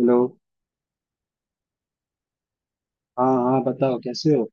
Hello. हाँ हाँ, बताओ कैसे हो।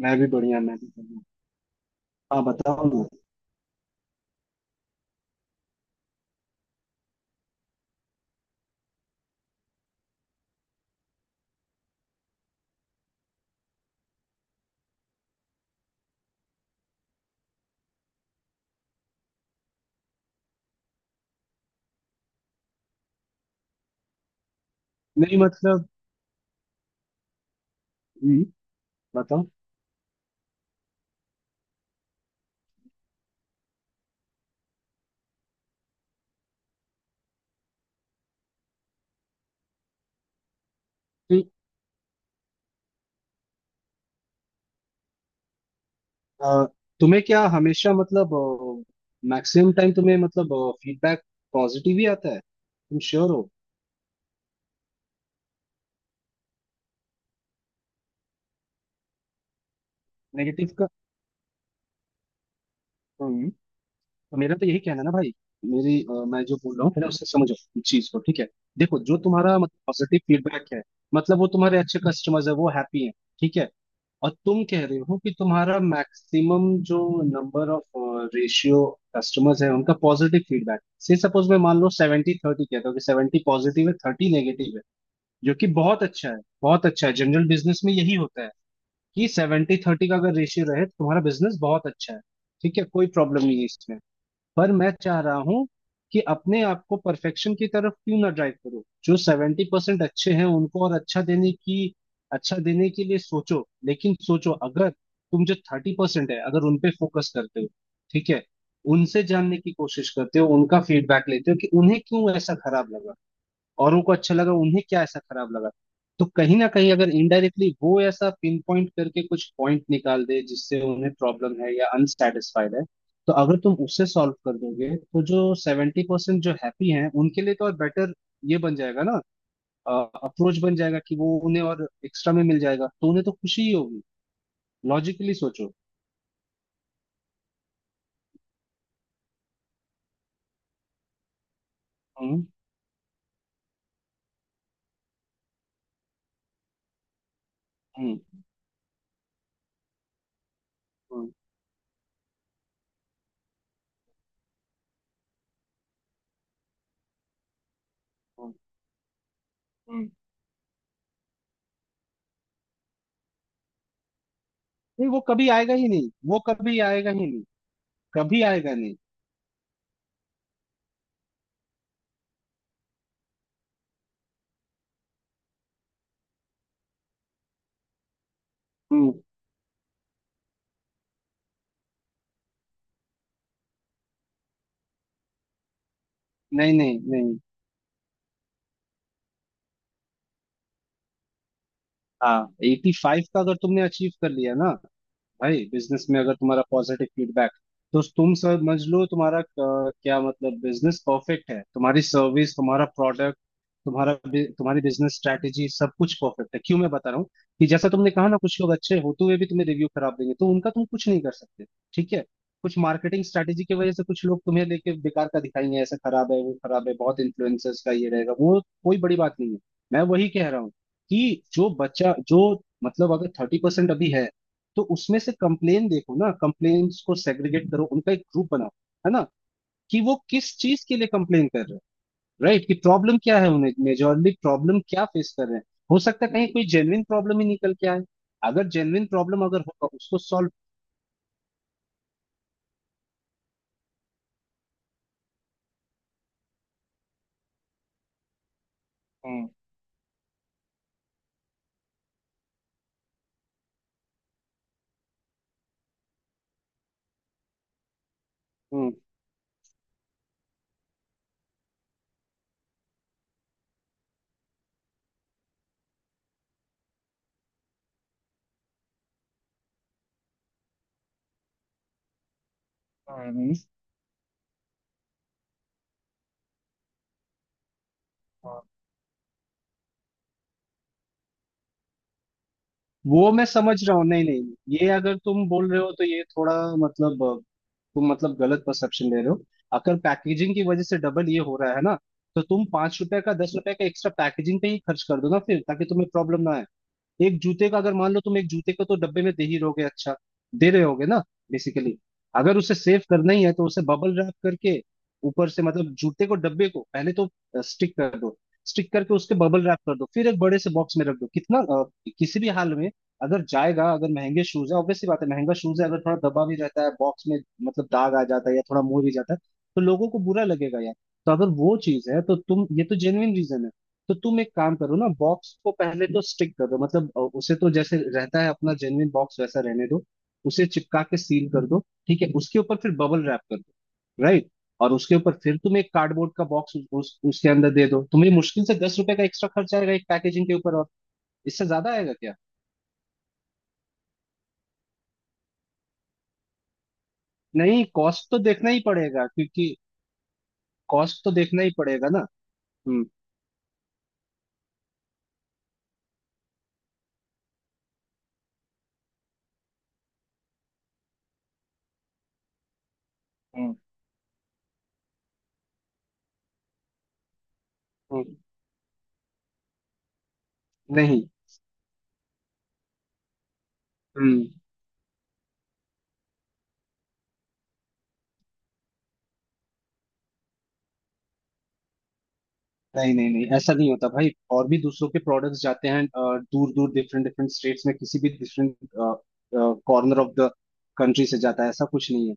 मैं भी बढ़िया, मैं भी बढ़िया। हाँ बताओ ना। नहीं मतलब। हम्म, बताओ। कि, अ, तुम्हें क्या हमेशा मतलब मैक्सिमम टाइम तुम्हें मतलब फीडबैक पॉजिटिव ही आता है, तुम श्योर हो? नेगेटिव का। मेरा तो यही कहना है ना भाई। मैं जो बोल रहा हूँ पहले उससे समझो इस चीज को। ठीक है। देखो, जो तुम्हारा मतलब पॉजिटिव फीडबैक है मतलब वो तुम्हारे अच्छे कस्टमर्स है, वो हैप्पी है। ठीक है। और तुम कह रहे हो कि तुम्हारा मैक्सिमम जो नंबर ऑफ रेशियो कस्टमर्स है उनका पॉजिटिव फीडबैक से सपोज मैं मान लो 70-30 कहता हूँ कि 70 पॉजिटिव है, 30 नेगेटिव है। जो कि बहुत अच्छा है, बहुत अच्छा है, जनरल बिजनेस में यही होता है कि 70-30 का अगर रेशियो रहे तो तुम्हारा बिजनेस बहुत अच्छा है। ठीक है, कोई प्रॉब्लम नहीं है इसमें। पर मैं चाह रहा हूं कि अपने आप को परफेक्शन की तरफ क्यों ना ड्राइव करो। जो 70% अच्छे हैं उनको और अच्छा देने की, अच्छा देने के लिए सोचो, लेकिन सोचो अगर तुम जो 30% है अगर उनपे फोकस करते हो। ठीक है। उनसे जानने की कोशिश करते हो, उनका फीडबैक लेते हो कि उन्हें क्यों ऐसा खराब लगा, औरों को अच्छा लगा, उन्हें क्या ऐसा खराब लगा। तो कहीं ना कहीं अगर इनडायरेक्टली वो ऐसा पिन पॉइंट करके कुछ पॉइंट निकाल दे जिससे उन्हें प्रॉब्लम है या अनसेटिस्फाइड है, तो अगर तुम उससे सॉल्व कर दोगे तो जो 70% जो हैप्पी हैं उनके लिए तो और बेटर ये बन जाएगा ना। अप्रोच बन जाएगा कि वो उन्हें और एक्स्ट्रा में मिल जाएगा तो उन्हें तो खुशी ही होगी। लॉजिकली सोचो। हम्म। हम्म। हम्म। हम्म, हम्म। नहीं, वो कभी आएगा ही नहीं, वो कभी आएगा ही नहीं। कभी आएगा नहीं। हम्म। नहीं नहीं नहीं। हाँ, 85 का अगर तुमने अचीव कर लिया ना भाई, बिजनेस में अगर तुम्हारा पॉजिटिव फीडबैक, तो तुम समझ लो तुम्हारा क्या मतलब बिजनेस परफेक्ट है, तुम्हारी सर्विस, तुम्हारा प्रोडक्ट, तुम्हारी बिजनेस स्ट्रैटेजी सब कुछ परफेक्ट है। क्यों मैं बता रहा हूँ कि जैसा तुमने कहा ना, कुछ लोग अच्छे होते हुए भी तुम्हें रिव्यू खराब देंगे तो उनका तुम कुछ नहीं कर सकते। ठीक है। कुछ मार्केटिंग स्ट्रैटेजी की वजह से कुछ लोग तुम्हें लेके बेकार का दिखाएंगे, ऐसा खराब है वो खराब है, बहुत इन्फ्लुएंसर्स का ये रहेगा, वो कोई बड़ी बात नहीं है। मैं वही कह रहा हूँ कि जो बच्चा जो मतलब अगर 30% अभी है तो उसमें से कंप्लेन देखो ना, कंप्लेन्ट्स को सेग्रीगेट करो, उनका एक ग्रुप बनाओ, है ना, कि वो किस चीज के लिए कंप्लेन कर रहे हैं। राइट, कि प्रॉब्लम क्या है, उन्हें मेजोरली प्रॉब्लम क्या फेस कर रहे हैं। हो सकता है कहीं कोई जेन्युइन प्रॉब्लम ही निकल के आए। अगर जेन्युइन प्रॉब्लम अगर होगा उसको सॉल्व। हम्म। हम्म। हम्म, हाँ, वो मैं समझ रहा हूँ। नहीं नहीं, ये अगर तुम बोल रहे हो तो ये थोड़ा मतलब, तुम मतलब गलत परसेप्शन ले रहे हो। अगर पैकेजिंग की वजह से डबल ये हो रहा है ना, तो तुम ₹5 का ₹10 का एक्स्ट्रा पैकेजिंग पे ही खर्च कर दो ना फिर, ताकि तुम्हें प्रॉब्लम ना आए। एक जूते का अगर मान लो, तुम एक जूते का तो डब्बे में दे ही रहोगे। अच्छा दे रहे होगे ना, बेसिकली। अगर उसे सेव करना ही है तो उसे बबल रैप करके ऊपर से, मतलब जूते को डब्बे को पहले तो स्टिक कर दो, स्टिक करके उसके बबल रैप कर दो, फिर एक बड़े से बॉक्स में रख दो। किसी भी हाल में अगर जाएगा, अगर महंगे शूज है, ऑब्वियस सी बात है, महंगा शूज है अगर थोड़ा दबा भी रहता है बॉक्स में, मतलब दाग आ जाता है या थोड़ा मुड़ भी जाता है, तो लोगों को बुरा लगेगा यार। तो अगर वो चीज है तो तुम ये तो जेन्युइन रीजन है। तो तुम एक काम करो ना, बॉक्स को पहले तो स्टिक कर दो, मतलब उसे तो जैसे रहता है अपना जेन्युइन बॉक्स वैसा रहने दो, उसे चिपका के सील कर दो। ठीक है। उसके ऊपर फिर बबल रैप कर दो, राइट। और उसके ऊपर फिर तुम एक कार्डबोर्ड का बॉक्स उसके अंदर दे दो, तुम्हें मुश्किल से ₹10 का एक्स्ट्रा खर्च आएगा एक पैकेजिंग के ऊपर। और इससे ज्यादा आएगा क्या? नहीं, कॉस्ट तो देखना ही पड़ेगा क्योंकि कॉस्ट तो देखना ही पड़ेगा ना। हम्म। हम्म। हम्म, नहीं। हम्म। नहीं नहीं नहीं, ऐसा नहीं होता भाई, और भी दूसरों के प्रोडक्ट्स जाते हैं दूर दूर डिफरेंट डिफरेंट स्टेट्स में, किसी भी different corner of the country से जाता है, ऐसा कुछ नहीं है।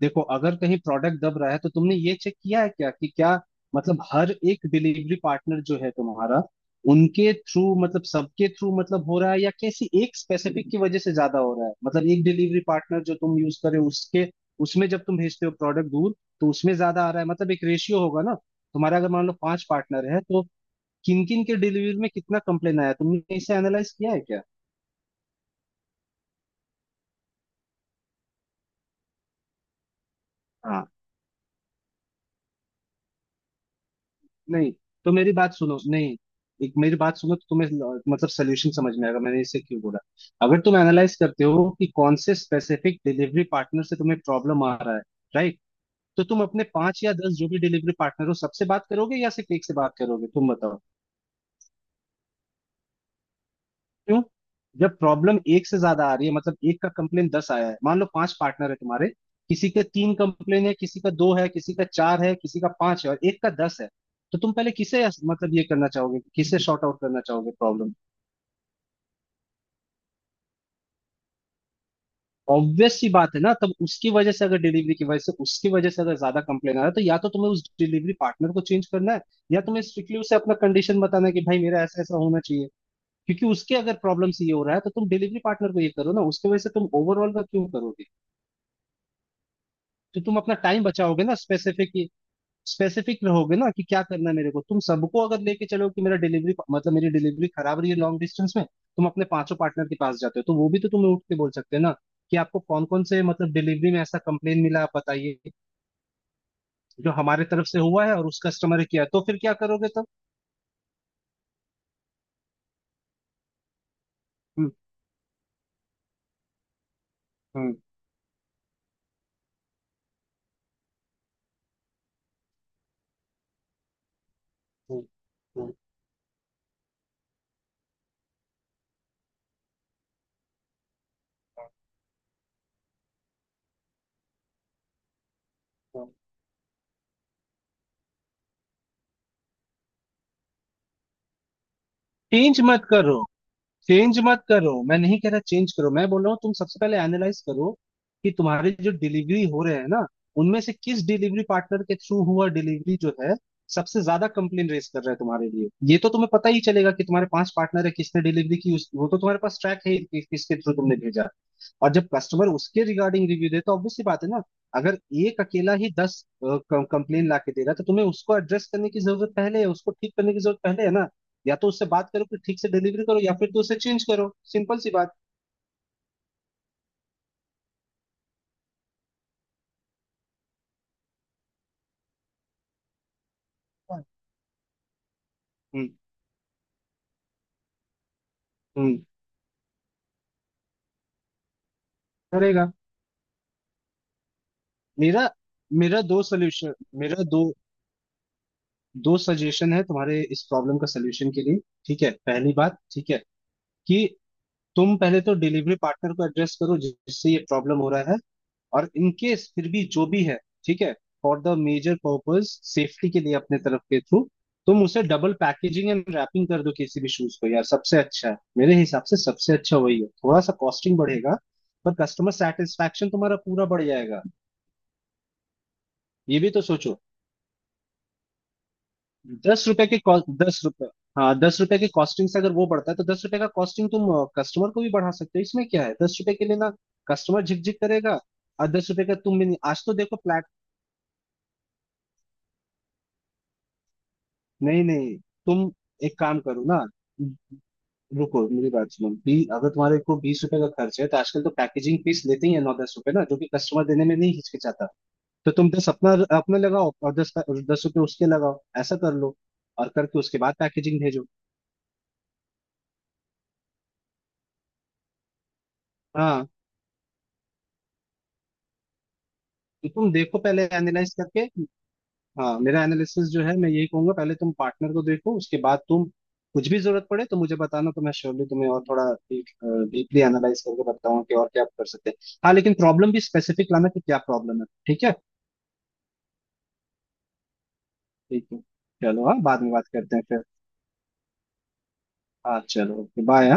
देखो अगर कहीं प्रोडक्ट दब रहा है, तो तुमने ये चेक किया है क्या कि क्या मतलब हर एक डिलीवरी पार्टनर जो है तुम्हारा उनके थ्रू मतलब सबके थ्रू मतलब हो रहा है, या किसी एक स्पेसिफिक की वजह से ज्यादा हो रहा है, मतलब एक डिलीवरी पार्टनर जो तुम यूज करे उसके, उसमें जब तुम भेजते हो प्रोडक्ट दूर, तो उसमें ज्यादा आ रहा है मतलब एक रेशियो होगा ना, तुम्हारा अगर मान लो पांच पार्टनर है तो किन किन के डिलीवरी में कितना कंप्लेन आया, तुमने इसे एनालाइज किया है क्या? नहीं तो मेरी बात सुनो, नहीं एक मेरी बात सुनो तो तुम्हें मतलब सोल्यूशन समझ में आएगा मैंने इसे क्यों बोला। अगर तुम एनालाइज करते हो कि कौन से स्पेसिफिक डिलीवरी पार्टनर से तुम्हें प्रॉब्लम आ रहा है, राइट, तो तुम अपने पांच या दस जो भी डिलीवरी पार्टनर हो सबसे बात करोगे या सिर्फ एक से बात करोगे, तुम बताओ। क्यों? जब प्रॉब्लम एक से ज्यादा आ रही है, मतलब एक का कंप्लेन 10 आया है, मान लो पांच पार्टनर है तुम्हारे, किसी के तीन कंप्लेन है, किसी का दो है, किसी का चार है, किसी का पांच है और एक का 10 है, तो तुम पहले किसे मतलब ये करना चाहोगे, किसे शॉर्ट आउट करना चाहोगे प्रॉब्लम? ऑब्वियस सी बात है ना, तब उसकी वजह से अगर डिलीवरी की वजह से उसकी वजह से अगर ज्यादा कंप्लेन आ रहा है, तो या तो तुम्हें उस डिलीवरी पार्टनर को चेंज करना है, या तुम्हें स्ट्रिक्टली उसे अपना कंडीशन बताना है कि भाई मेरा ऐसा ऐसा होना चाहिए, क्योंकि उसके अगर प्रॉब्लम से ये हो रहा है तो तुम डिलीवरी पार्टनर को ये करो ना, उसकी वजह से तुम ओवरऑल का क्यों करोगे? तो तुम अपना टाइम बचाओगे ना, स्पेसिफिक, स्पेसिफिक रहोगे ना, कि क्या करना है मेरे को। तुम सबको अगर लेके चलो कि मेरा डिलीवरी मतलब मेरी डिलीवरी खराब रही है लॉन्ग डिस्टेंस में, तुम अपने पांचों पार्टनर के पास जाते हो, तो वो भी तो तुम्हें उठ के बोल सकते हैं ना कि आपको कौन कौन से मतलब डिलीवरी में ऐसा कंप्लेन मिला, आप बताइए जो हमारे तरफ से हुआ है और उस कस्टमर ने किया है। तो फिर क्या करोगे तुम? हम्म। हम्म। हम्म, हम्म, हम्म। चेंज मत करो, चेंज मत करो, मैं नहीं कह रहा चेंज करो, मैं बोल रहा हूँ तुम सबसे पहले एनालाइज करो कि तुम्हारे जो डिलीवरी हो रहे हैं ना, उनमें से किस डिलीवरी पार्टनर के थ्रू हुआ डिलीवरी, जो है सबसे ज्यादा कंप्लेन रेस कर रहा है तुम्हारे लिए। ये तो तुम्हें पता ही चलेगा कि तुम्हारे पांच पार्टनर है, किसने डिलीवरी की, वो तो तुम्हारे पास ट्रैक है कि किसके थ्रू तुमने भेजा, और जब कस्टमर उसके रिगार्डिंग रिव्यू दे तो ऑब्वियस सी बात है ना। अगर एक अकेला ही दस कंप्लेन ला के दे रहा है, तो तुम्हें उसको एड्रेस करने की जरूरत पहले है, उसको ठीक करने की जरूरत पहले है ना। या तो उससे बात करो कि ठीक से डिलीवरी करो, या फिर तो उसे चेंज करो, सिंपल सी बात। हम्म। हम्म। करेगा। मेरा मेरा दो सोल्यूशन। मेरा दो, दो सजेशन है तुम्हारे इस प्रॉब्लम का सलूशन के लिए। ठीक है, पहली बात ठीक है कि तुम पहले तो डिलीवरी पार्टनर को एड्रेस करो जिससे ये प्रॉब्लम हो रहा है। और इन केस फिर भी जो भी है, ठीक है, for the major purpose safety के लिए अपने तरफ के थ्रू तुम उसे डबल पैकेजिंग एंड रैपिंग कर दो किसी भी शूज को यार, सबसे अच्छा है मेरे हिसाब से, सबसे अच्छा वही है। थोड़ा सा कॉस्टिंग बढ़ेगा पर कस्टमर सेटिस्फेक्शन तुम्हारा पूरा बढ़ जाएगा, ये भी तो सोचो। ₹10 के कॉस्ट, दस रुपए, हाँ दस रुपए के कॉस्टिंग से अगर वो बढ़ता है तो दस रुपए का कॉस्टिंग तुम कस्टमर को भी बढ़ा सकते हो, इसमें क्या है दस रुपए के लिए ना, कस्टमर झिकझिक करेगा, और दस रुपए का तुम भी नहीं, आज तो देखो। नहीं नहीं। तुम एक काम करो ना, रुको मेरी बात सुनो बी, अगर तुम्हारे को ₹20 का खर्च है तो आजकल तो पैकेजिंग फीस लेते ही है ₹9-10 ना, जो कि कस्टमर देने में नहीं हिचकिचाता, तो तुम दस अपना अपने लगाओ और दस दस रुपए उसके लगाओ, ऐसा कर लो। और करके उसके बाद पैकेजिंग भेजो। हाँ, तो तुम देखो पहले एनालाइज करके। हाँ, मेरा एनालिसिस जो है मैं यही कहूंगा, पहले तुम पार्टनर को देखो, उसके बाद तुम कुछ भी जरूरत पड़े तो मुझे बताना, तो मैं श्योरली तुम्हें और थोड़ा डीपली एनालाइज करके बताऊंगा कि और क्या कर सकते हैं। हाँ लेकिन प्रॉब्लम भी स्पेसिफिक लाना कि क्या प्रॉब्लम है, ठीक है? ठीक है, चलो, हाँ बाद में बात करते हैं फिर। हाँ चलो, ओके, बाय।